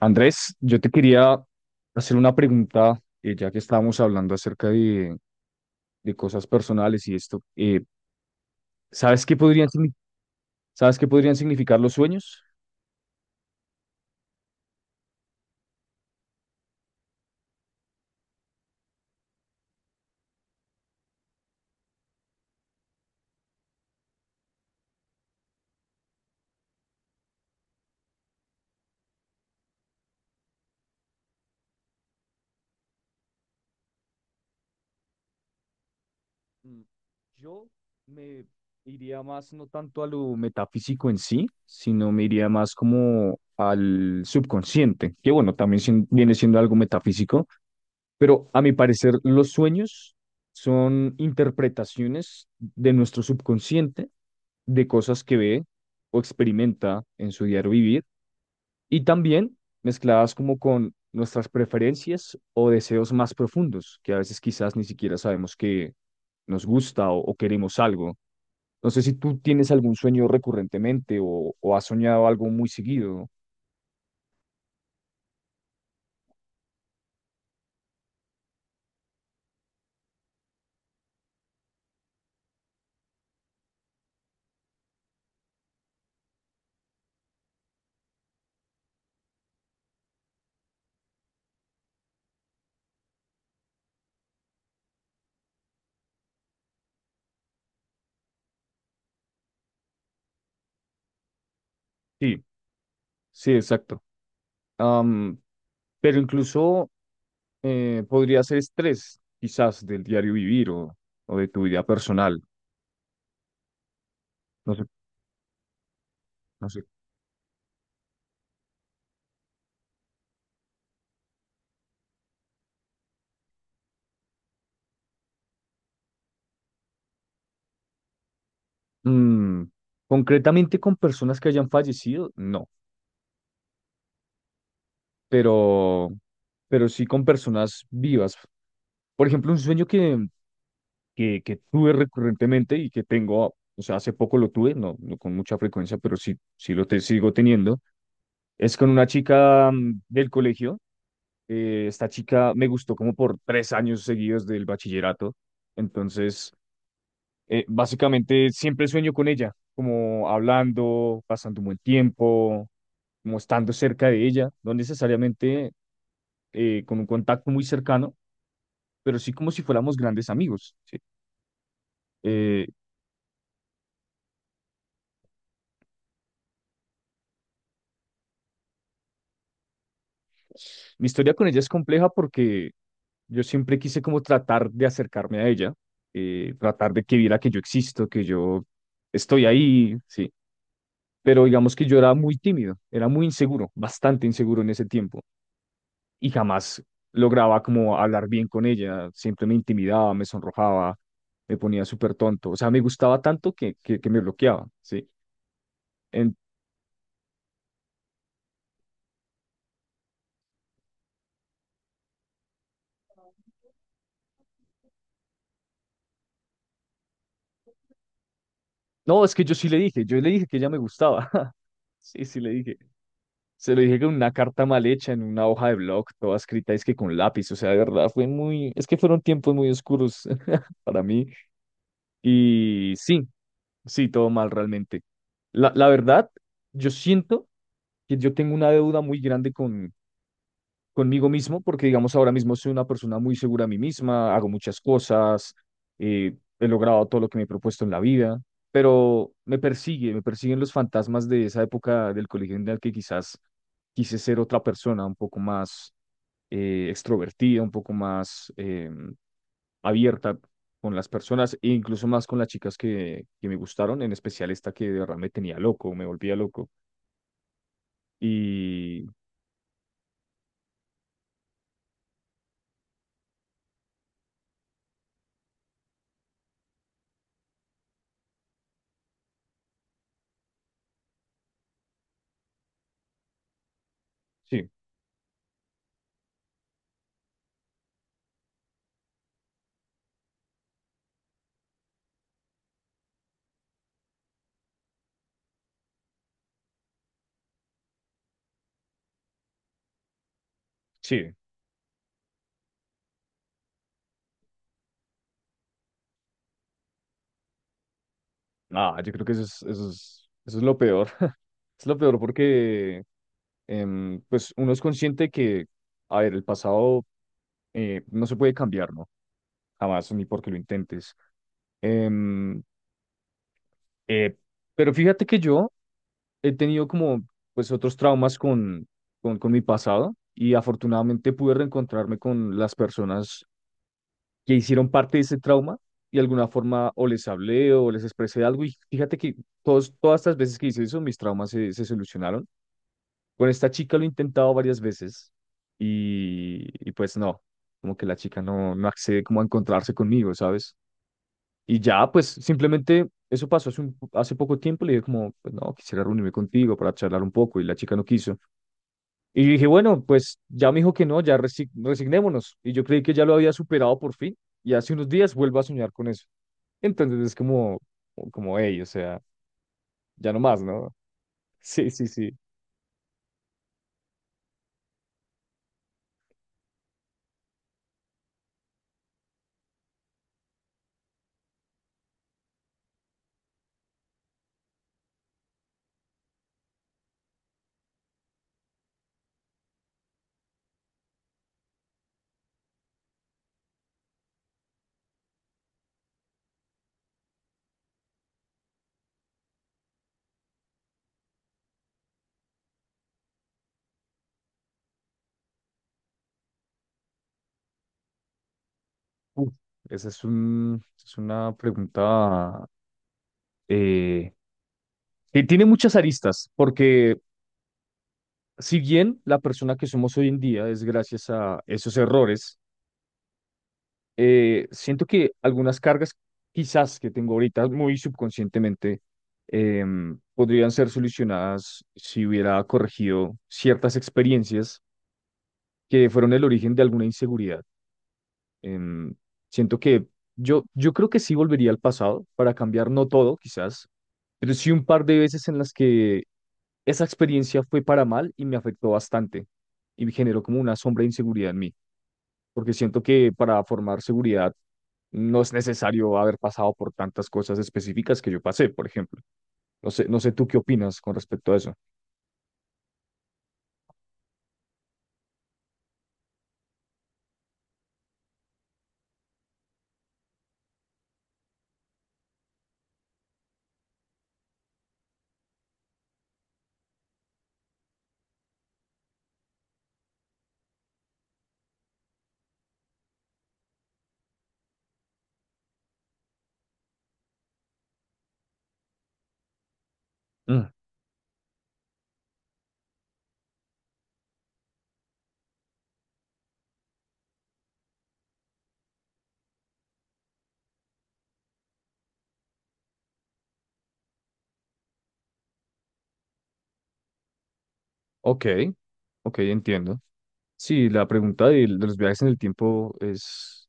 Andrés, yo te quería hacer una pregunta, ya que estábamos hablando acerca de cosas personales y esto. ¿Sabes qué podrían, ¿sabes qué podrían significar los sueños? Mm, Yo me iría más no tanto a lo metafísico en sí, sino me iría más como al subconsciente, que bueno, también viene siendo algo metafísico, pero a mi parecer los sueños son interpretaciones de nuestro subconsciente de cosas que ve o experimenta en su diario vivir y también mezcladas como con nuestras preferencias o deseos más profundos, que a veces quizás ni siquiera sabemos que nos gusta o queremos algo. No sé si tú tienes algún sueño recurrentemente o has soñado algo muy seguido. Sí, sí, exacto. Am, pero incluso podría ser estrés, quizás del diario vivir o de tu vida personal. No sé, no sé. Mm, Concretamente con personas que hayan fallecido, no, pero, pero sí con personas vivas. Por ejemplo, un sueño que, que tuve recurrentemente y que tengo, o sea, hace poco lo tuve, no, no con mucha frecuencia, pero sí, sigo teniendo, es con una chica del colegio. Esta chica me gustó como por tres años seguidos del bachillerato. Entonces, básicamente siempre sueño con ella, como hablando, pasando un buen tiempo, como estando cerca de ella, no necesariamente con un contacto muy cercano, pero sí como si fuéramos grandes amigos, ¿sí? Eh, mi historia con ella es compleja porque yo siempre quise como tratar de acercarme a ella, tratar de que viera que yo existo, que yo estoy ahí, ¿sí? Pero digamos que yo era muy tímido, era muy inseguro, bastante inseguro en ese tiempo. Y jamás lograba como hablar bien con ella, siempre me intimidaba, me sonrojaba, me ponía súper tonto, o sea, me gustaba tanto que me bloqueaba, ¿sí? En- no, es que yo sí le dije, yo le dije que ella me gustaba, sí, sí le dije, se lo dije con una carta mal hecha, en una hoja de blog, toda escrita, es que con lápiz, o sea, de verdad, fue muy, es que fueron tiempos muy oscuros para mí, y sí, sí, todo mal realmente. La verdad, yo siento que yo tengo una deuda muy grande conmigo mismo, porque digamos ahora mismo soy una persona muy segura de mí misma, hago muchas cosas, he logrado todo lo que me he propuesto en la vida, pero me persigue, me persiguen los fantasmas de esa época del colegio en la que quizás quise ser otra persona, un poco más extrovertida, un poco más abierta con las personas e incluso más con las chicas que me gustaron, en especial esta que de verdad me tenía loco, me volvía loco. Y sí, sí, ah, yo creo que eso es, eso es, eso es lo peor. Es lo peor porque pues uno es consciente que, a ver, el pasado no se puede cambiar, ¿no? Jamás, ni porque lo intentes. Em, eh, pero fíjate que yo he tenido como pues otros traumas con, con mi pasado y afortunadamente pude reencontrarme con las personas que hicieron parte de ese trauma y de alguna forma o les hablé o les expresé algo y fíjate que todas estas veces que hice eso, mis traumas se, se solucionaron. Con esta chica lo he intentado varias veces y pues no, como que la chica no, no accede como a encontrarse conmigo, ¿sabes? Y ya, pues simplemente eso pasó hace, hace poco tiempo, le dije como, pues no, quisiera reunirme contigo para charlar un poco y la chica no quiso. Y dije, bueno, pues ya me dijo que no, ya resignémonos. Y yo creí que ya lo había superado por fin y hace unos días vuelvo a soñar con eso. Entonces es como, como, hey, o sea, ya no más, ¿no? Sí, sí, sí. Uf, esa es un, es una pregunta. Eh, y tiene muchas aristas, porque si bien la persona que somos hoy en día es gracias a esos errores, siento que algunas cargas quizás que tengo ahorita muy subconscientemente podrían ser solucionadas si hubiera corregido ciertas experiencias que fueron el origen de alguna inseguridad. Em, siento que yo creo que sí volvería al pasado para cambiar, no todo quizás, pero sí un par de veces en las que esa experiencia fue para mal y me afectó bastante y me generó como una sombra de inseguridad en mí, porque siento que para formar seguridad no es necesario haber pasado por tantas cosas específicas que yo pasé, por ejemplo. No sé, no sé tú qué opinas con respecto a eso. Mm, ok, ok, entiendo. Sí, la pregunta de, los viajes en el tiempo es,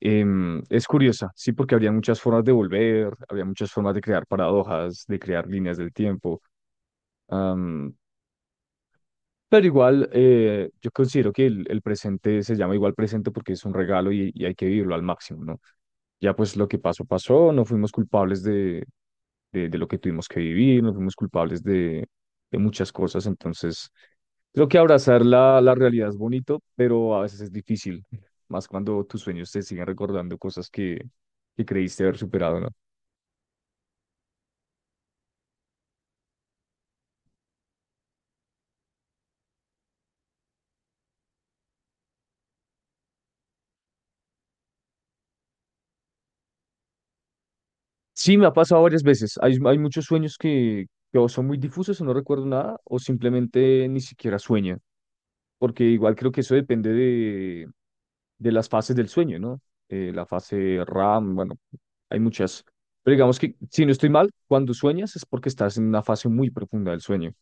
es curiosa, sí, porque habría muchas formas de volver, habría muchas formas de crear paradojas, de crear líneas del tiempo. Am, Pero igual, yo considero que el presente se llama igual presente porque es un regalo y hay que vivirlo al máximo, ¿no? Ya pues lo que pasó, pasó, no fuimos culpables de lo que tuvimos que vivir, no fuimos culpables de muchas cosas, entonces creo que abrazar la, la realidad es bonito, pero a veces es difícil, más cuando tus sueños te siguen recordando cosas que creíste haber superado, ¿no? Sí, me ha pasado varias veces, hay muchos sueños que o son muy difusos o no recuerdo nada, o simplemente ni siquiera sueño. Porque igual creo que eso depende de las fases del sueño, ¿no? La fase RAM, bueno, hay muchas. Pero digamos que, si no estoy mal, cuando sueñas es porque estás en una fase muy profunda del sueño.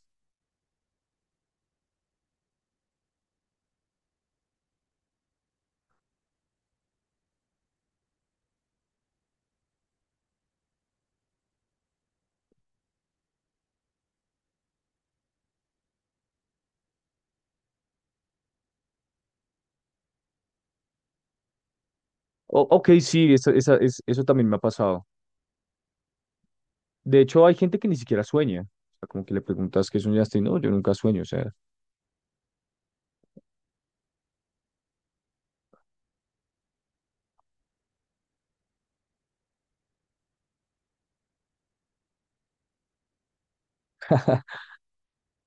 Ok, sí, es, eso también me ha pasado. De hecho, hay gente que ni siquiera sueña. O sea, como que le preguntas qué soñaste y no, yo nunca sueño. O sea,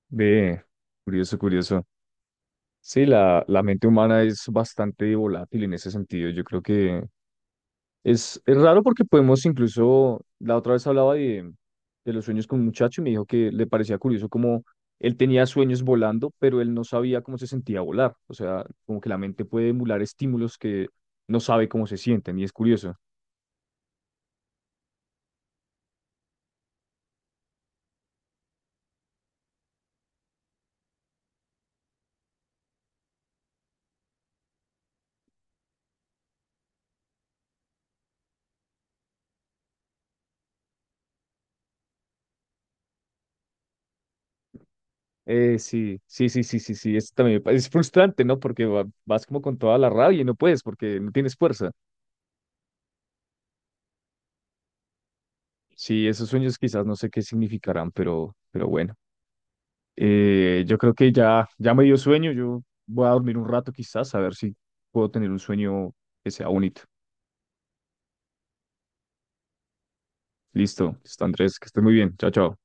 ve, curioso, curioso. Sí, la mente humana es bastante volátil en ese sentido. Yo creo que es raro porque podemos incluso, la otra vez hablaba de los sueños con un muchacho y me dijo que le parecía curioso como él tenía sueños volando, pero él no sabía cómo se sentía volar. O sea, como que la mente puede emular estímulos que no sabe cómo se sienten y es curioso. Sí, sí, sí, sí, sí, sí, es también es frustrante, ¿no? Porque vas como con toda la rabia y no puedes porque no tienes fuerza. Sí, esos sueños quizás no sé qué significarán, pero bueno. Yo creo que ya, ya me dio sueño. Yo voy a dormir un rato quizás, a ver si puedo tener un sueño que sea bonito. Listo, listo, Andrés, que estés muy bien. Chao, chao.